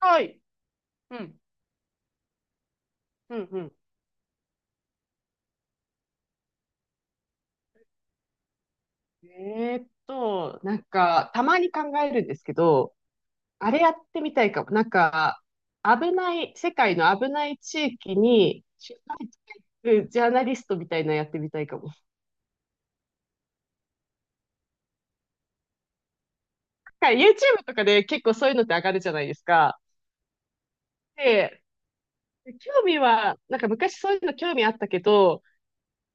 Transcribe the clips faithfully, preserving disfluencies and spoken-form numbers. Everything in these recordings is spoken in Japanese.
はい。うん。うん、うん。えーっと、なんか、たまに考えるんですけど、あれやってみたいかも。なんか、危ない、世界の危ない地域に、取材してくジャーナリストみたいなのやってみたいかも。なんか YouTube とかで結構そういうのって上がるじゃないですか。で、興味は、なんか昔そういうの興味あったけど、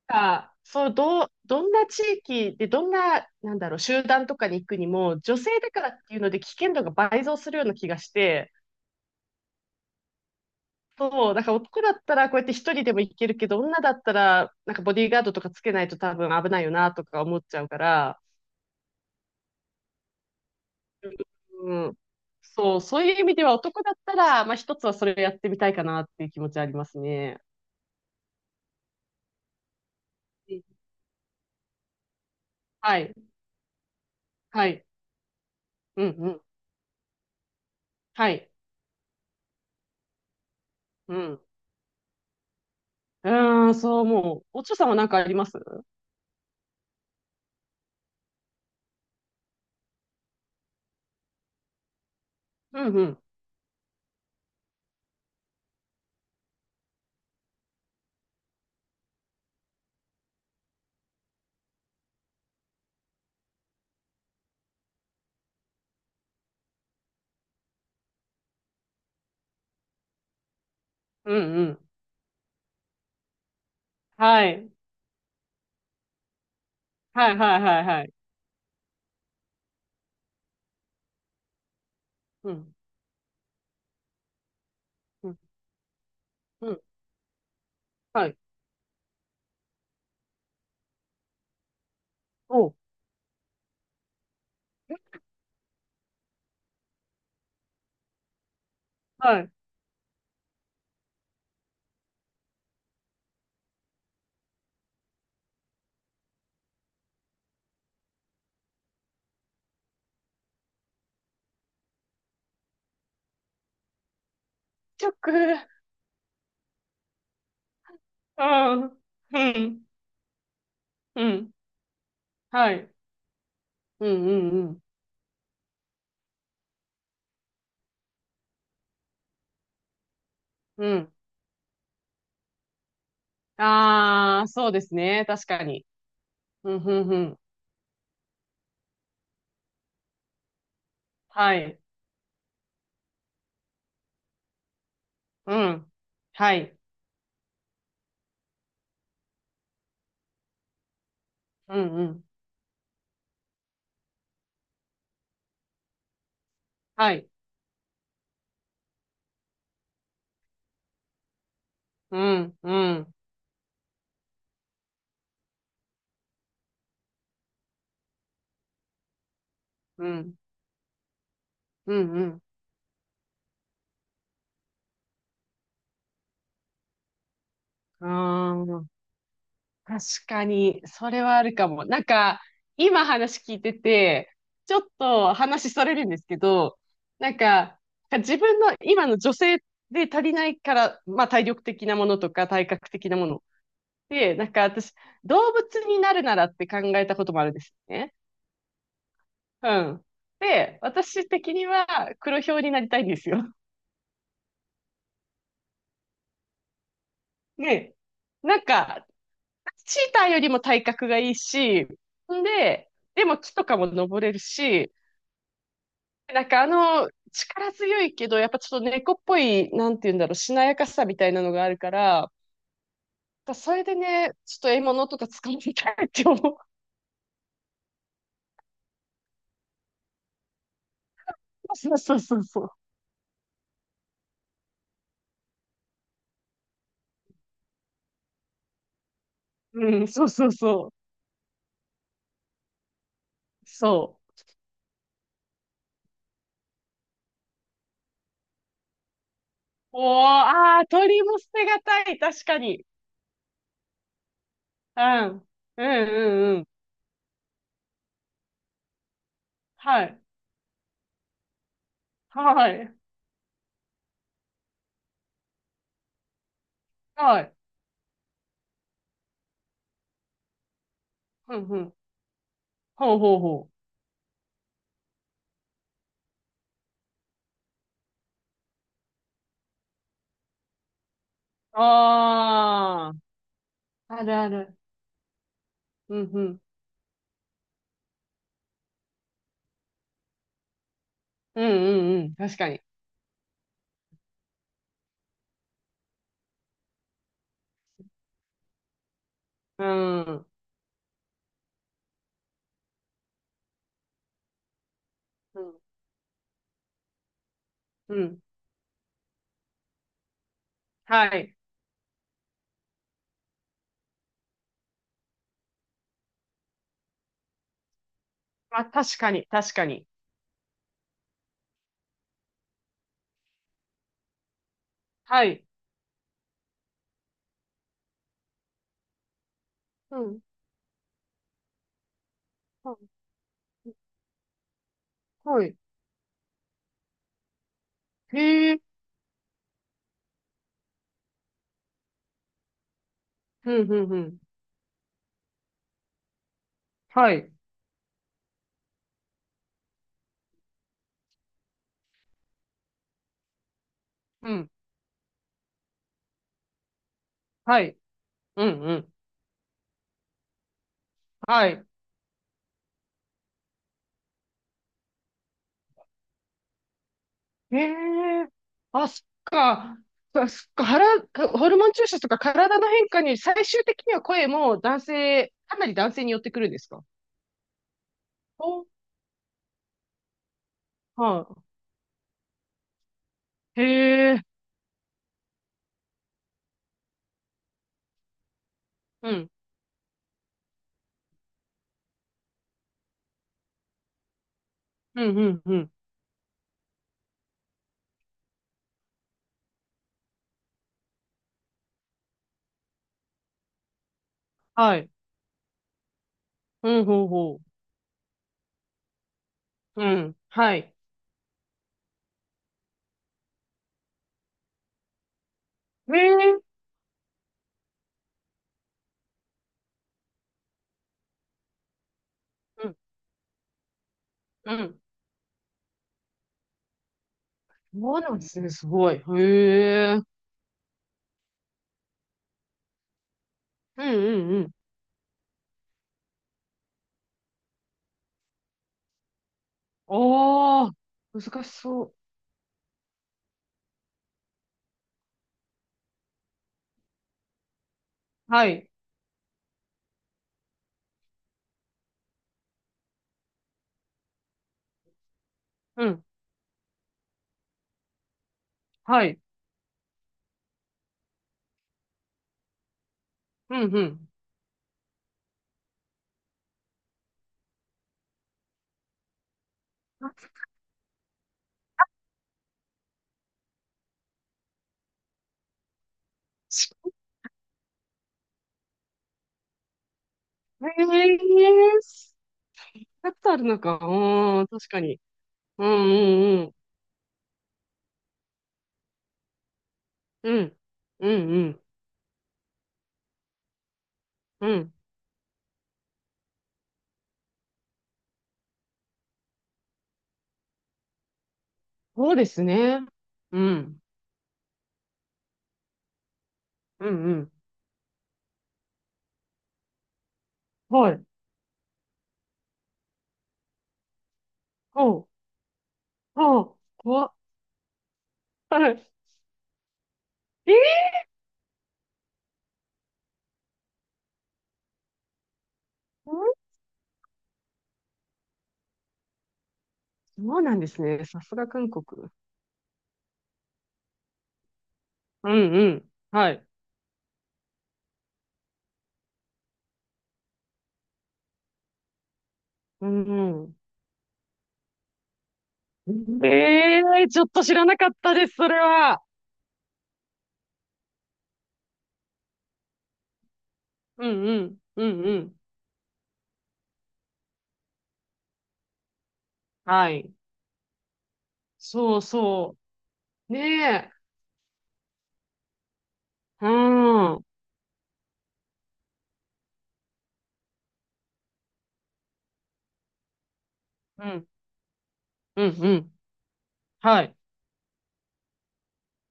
なんかそう、どう、どんな地域で、どんな、なんだろう、集団とかに行くにも、女性だからっていうので危険度が倍増するような気がして、そう、だから男だったらこうやって一人でも行けるけど、女だったら、なんかボディーガードとかつけないと多分危ないよなとか思っちゃうから、うん、そう、そういう意味では男だったら、まあ一つはそれをやってみたいかなっていう気持ちはありますね。うんはい、はい、うん、うん、はい、うん。うーん、そう思う。おちょさんは何かあります？うん、うん、うん、うん。はい、はい、はい、はい、はい。うん、うん、うん、はい。お、はい。チョック、うん、うん、うん。はい。うんうんうん。うん。ああ、そうですね。確かに。うん、うん、うん。はい。うん。はい。うん、うん。はい。うん、うん、うん、うん、うん。ああ、確かに、それはあるかも。なんか、今話聞いてて、ちょっと話それるんですけど、なんか、自分の今の女性で足りないから、まあ体力的なものとか体格的なもので、なんか私、動物になるならって考えたこともあるんですね。うん。で、私的には黒豹になりたいんですよ。ね。なんか、チーターよりも体格がいいし、んで、でも木とかも登れるし、なんかあの、力強いけど、やっぱちょっと猫っぽい、なんて言うんだろう、しなやかさみたいなのがあるから、それでね、ちょっと獲物とか掴みたいって思う。そうそうそうそう。うん、そうそうそう。そう。おー、ああ、鳥も捨てがたい。確かに。うん。うんうんうん。はい。はい。はい。うんうん。ほうほうほう。ああ、あるある。うんうん。うんうんうん。確かに。うん。うん。うん。はい。あ、確かに。確かに。はい。うん。うんはい。へえ。うんうんうん。はい。うん。はい。うんうん。はい。ええあ、そっか。そそっか、腹、ホルモン注射とか体の変化に最終的には声も男性、かなり男性に寄ってくるんですか？お、はい。へえ、うん、うん、うん、うん。はい。うん、ほうほう。うん、はい。へえ、うん、うん。そうなんですね、すごい。へえ、うん、うん、うん。おー、難しそう。はい、うん、はい、うん、うん。あへえ、ふたつあるのか。うーん、確かに。うんうんうん。うん。うんうんうん。そうですね。うん。うんうん。はい。ほう。ほう。怖っ。はい。えー、うんそうなんですね。さすが韓国。うんうん。はい。うんうん。ええーちょっと知らなかったです、それは。うんうん。うんうん。はい。そうそう。ねえ。うん。うん。うんうん。はい。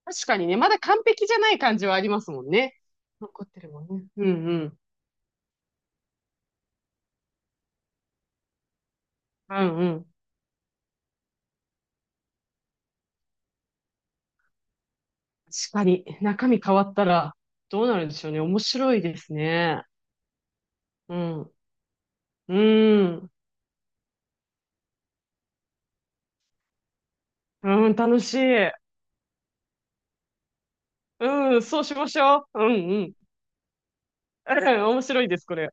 確かにね、まだ完璧じゃない感じはありますもんね。残ってるもんね。うんうん。うんうん。確かに、中身変わったらどうなるんでしょうね。面白いですね。うん。うん。うん、楽しい。うん、そうしましょう。うんうん。面白いです、これ。